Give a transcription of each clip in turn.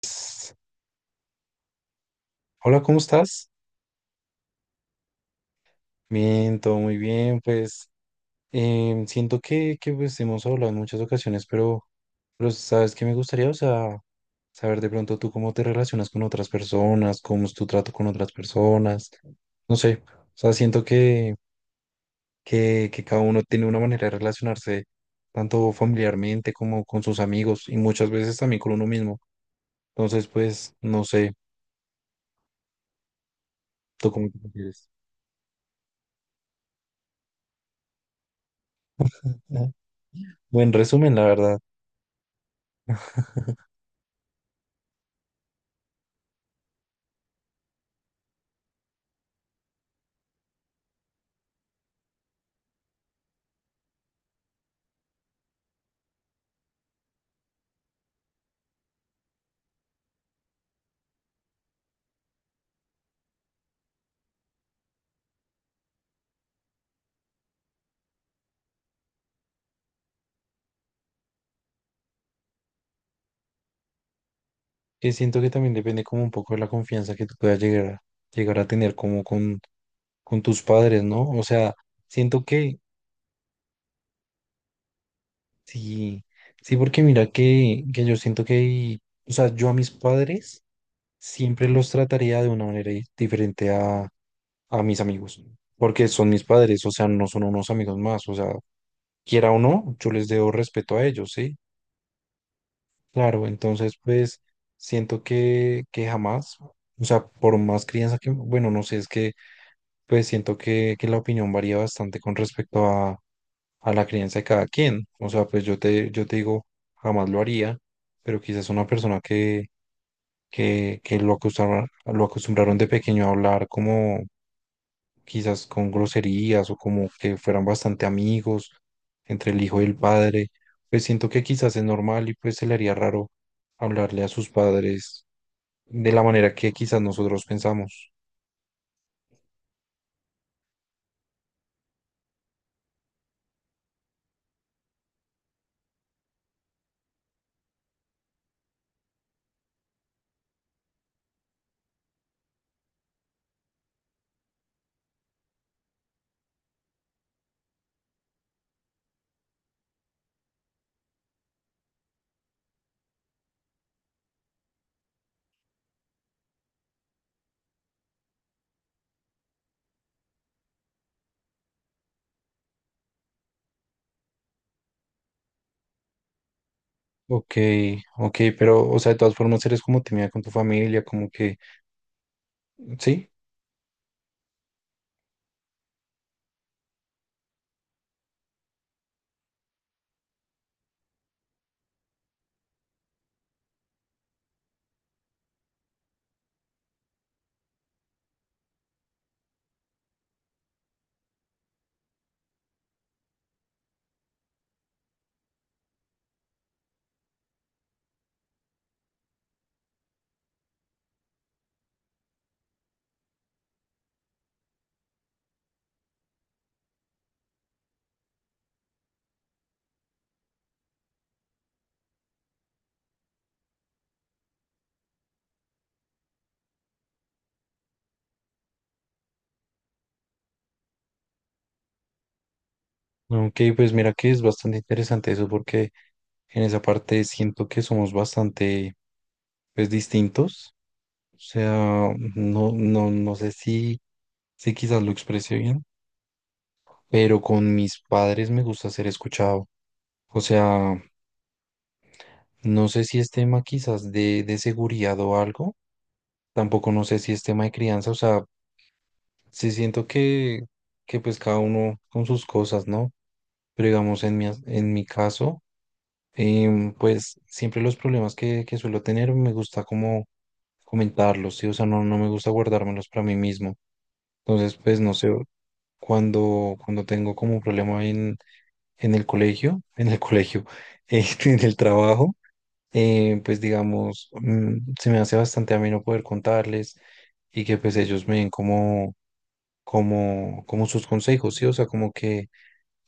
Pues, hola, ¿cómo estás? Bien, todo muy bien. Pues siento que, pues, hemos hablado en muchas ocasiones, pero sabes que me gustaría, o sea, saber de pronto tú cómo te relacionas con otras personas, cómo es tu trato con otras personas. No sé, o sea, siento que cada uno tiene una manera de relacionarse, tanto familiarmente como con sus amigos y muchas veces también con uno mismo. Entonces, pues, no sé, ¿tú cómo te prefieres? Ah, buen resumen, la verdad. Siento que también depende como un poco de la confianza que tú puedas llegar a tener como con tus padres, ¿no? O sea, siento que sí, sí, porque mira que yo siento que, o sea, yo a mis padres siempre los trataría de una manera diferente a mis amigos, porque son mis padres, o sea, no son unos amigos más, o sea, quiera o no, yo les debo respeto a ellos, ¿sí? Claro, entonces pues siento que jamás, o sea, por más crianza que, bueno, no sé, es que pues siento que la opinión varía bastante con respecto a la crianza de cada quien. O sea, pues yo te digo, jamás lo haría, pero quizás una persona que lo acostumbraron de pequeño a hablar como quizás con groserías o como que fueran bastante amigos entre el hijo y el padre, pues siento que quizás es normal y pues se le haría raro hablarle a sus padres de la manera que quizás nosotros pensamos. Ok, ok, pero, o sea, de todas formas eres como tímida con tu familia, como que, sí, ok, pues mira que es bastante interesante eso porque en esa parte siento que somos bastante, pues, distintos, o sea, no sé si, si quizás lo expresé bien, pero con mis padres me gusta ser escuchado, o sea, no sé si es tema quizás de seguridad o algo, tampoco no sé si es tema de crianza, o sea, sí siento que pues cada uno con sus cosas, ¿no? Pero digamos, en mi caso, pues siempre los problemas que suelo tener me gusta como comentarlos, ¿sí? O sea, no me gusta guardármelos para mí mismo. Entonces, pues no sé, cuando tengo como un problema en el colegio, en el colegio, en el trabajo, pues digamos, se me hace bastante ameno poder contarles y que pues ellos me den como sus consejos, ¿sí? O sea, como que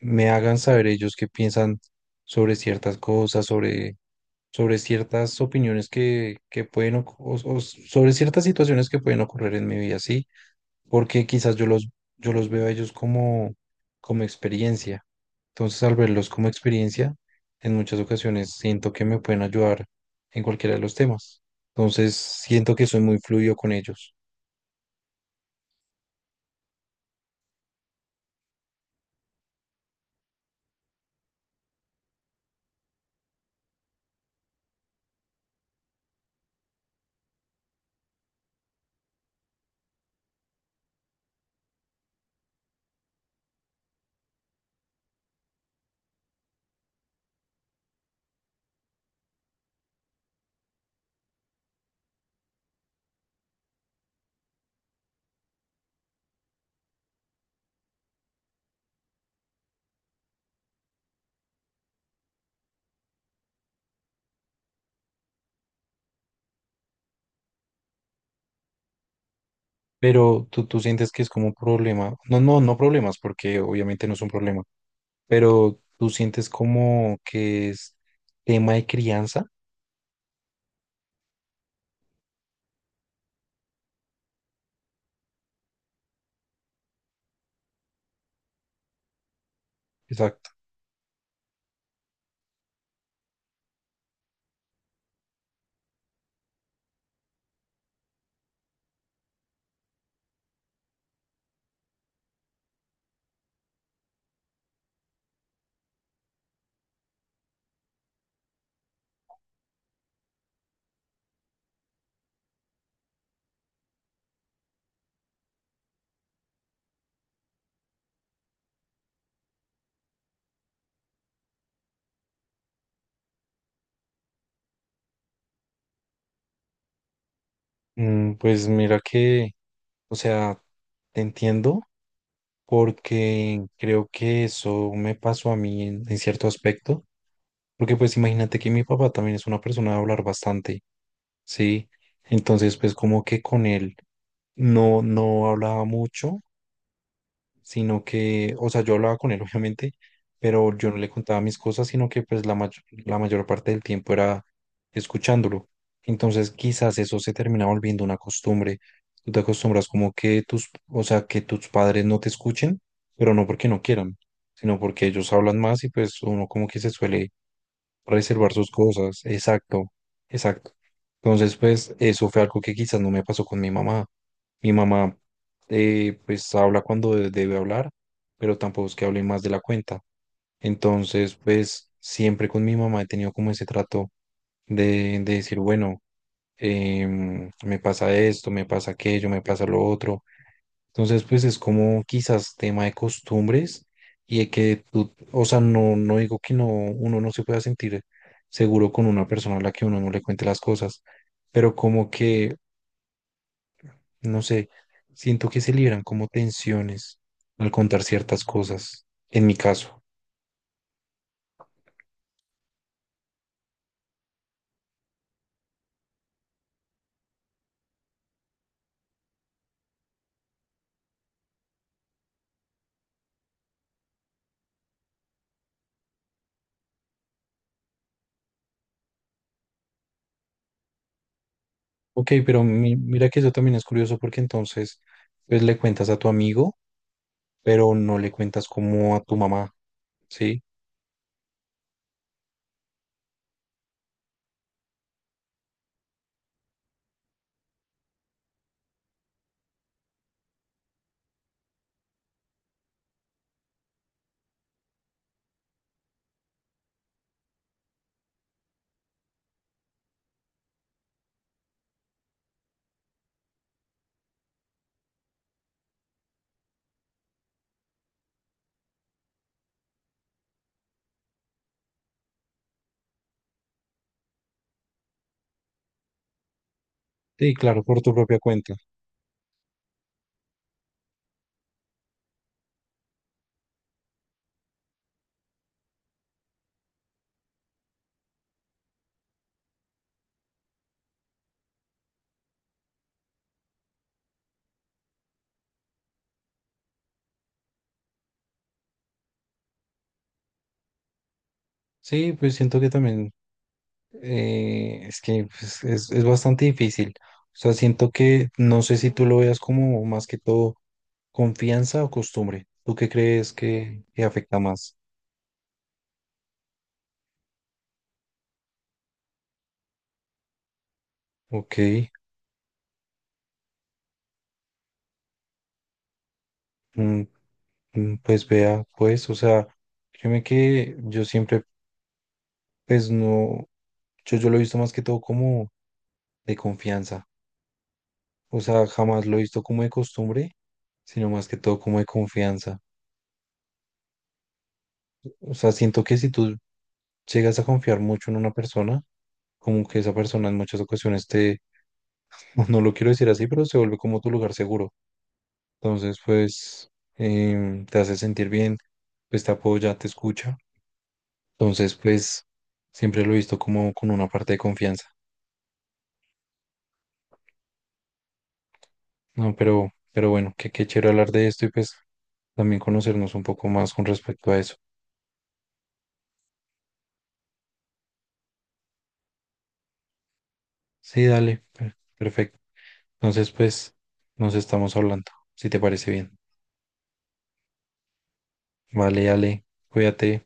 me hagan saber ellos qué piensan sobre ciertas cosas, sobre ciertas opiniones que pueden, o sobre ciertas situaciones que pueden ocurrir en mi vida, ¿sí? Porque yo los veo a ellos como, como experiencia. Entonces, al verlos como experiencia, en muchas ocasiones siento que me pueden ayudar en cualquiera de los temas. Entonces, siento que soy muy fluido con ellos. Pero tú sientes que es como un problema. No problemas, porque obviamente no es un problema, pero tú sientes como que es tema de crianza. Exacto. Mm, pues mira que, o sea, te entiendo porque creo que eso me pasó a mí en cierto aspecto, porque pues imagínate que mi papá también es una persona de hablar bastante, ¿sí? Entonces pues como que con él no hablaba mucho, sino que, o sea, yo hablaba con él, obviamente, pero yo no le contaba mis cosas, sino que pues la mayor parte del tiempo era escuchándolo. Entonces, quizás eso se termina volviendo una costumbre. Tú te acostumbras como que tus, o sea, que tus padres no te escuchen, pero no porque no quieran, sino porque ellos hablan más y pues uno como que se suele reservar sus cosas. Exacto, exacto. Entonces, pues eso fue algo que quizás no me pasó con mi mamá, pues habla cuando debe hablar, pero tampoco es que hable más de la cuenta. Entonces, pues siempre con mi mamá he tenido como ese trato de decir, bueno, em, me pasa esto, me pasa aquello, me pasa lo otro. Entonces, pues es como quizás tema de costumbres y de que tú, o sea, no digo que no, uno no se pueda sentir seguro con una persona a la que uno no le cuente las cosas, pero como que no sé, siento que se libran como tensiones al contar ciertas cosas, en mi caso. Ok, pero mira que eso también es curioso porque entonces, pues le cuentas a tu amigo, pero no le cuentas como a tu mamá, ¿sí? Sí, claro, por tu propia cuenta. Sí, pues siento que también es que pues es bastante difícil. O sea, siento que no sé si tú lo veas como más que todo confianza o costumbre. ¿Tú qué crees que afecta más? Ok. Mm, mm, pues vea, pues, o sea, créeme que yo siempre, pues no, yo lo he visto más que todo como de confianza, o sea, jamás lo he visto como de costumbre, sino más que todo como de confianza. O sea, siento que si tú llegas a confiar mucho en una persona, como que esa persona en muchas ocasiones te, no lo quiero decir así, pero se vuelve como tu lugar seguro. Entonces, pues, em, te hace sentir bien, pues te apoya, te escucha. Entonces, pues, siempre lo he visto como con una parte de confianza. No, pero bueno, que qué chévere hablar de esto y pues también conocernos un poco más con respecto a eso. Sí, dale, perfecto. Entonces, pues nos estamos hablando, si te parece bien. Vale, dale, cuídate.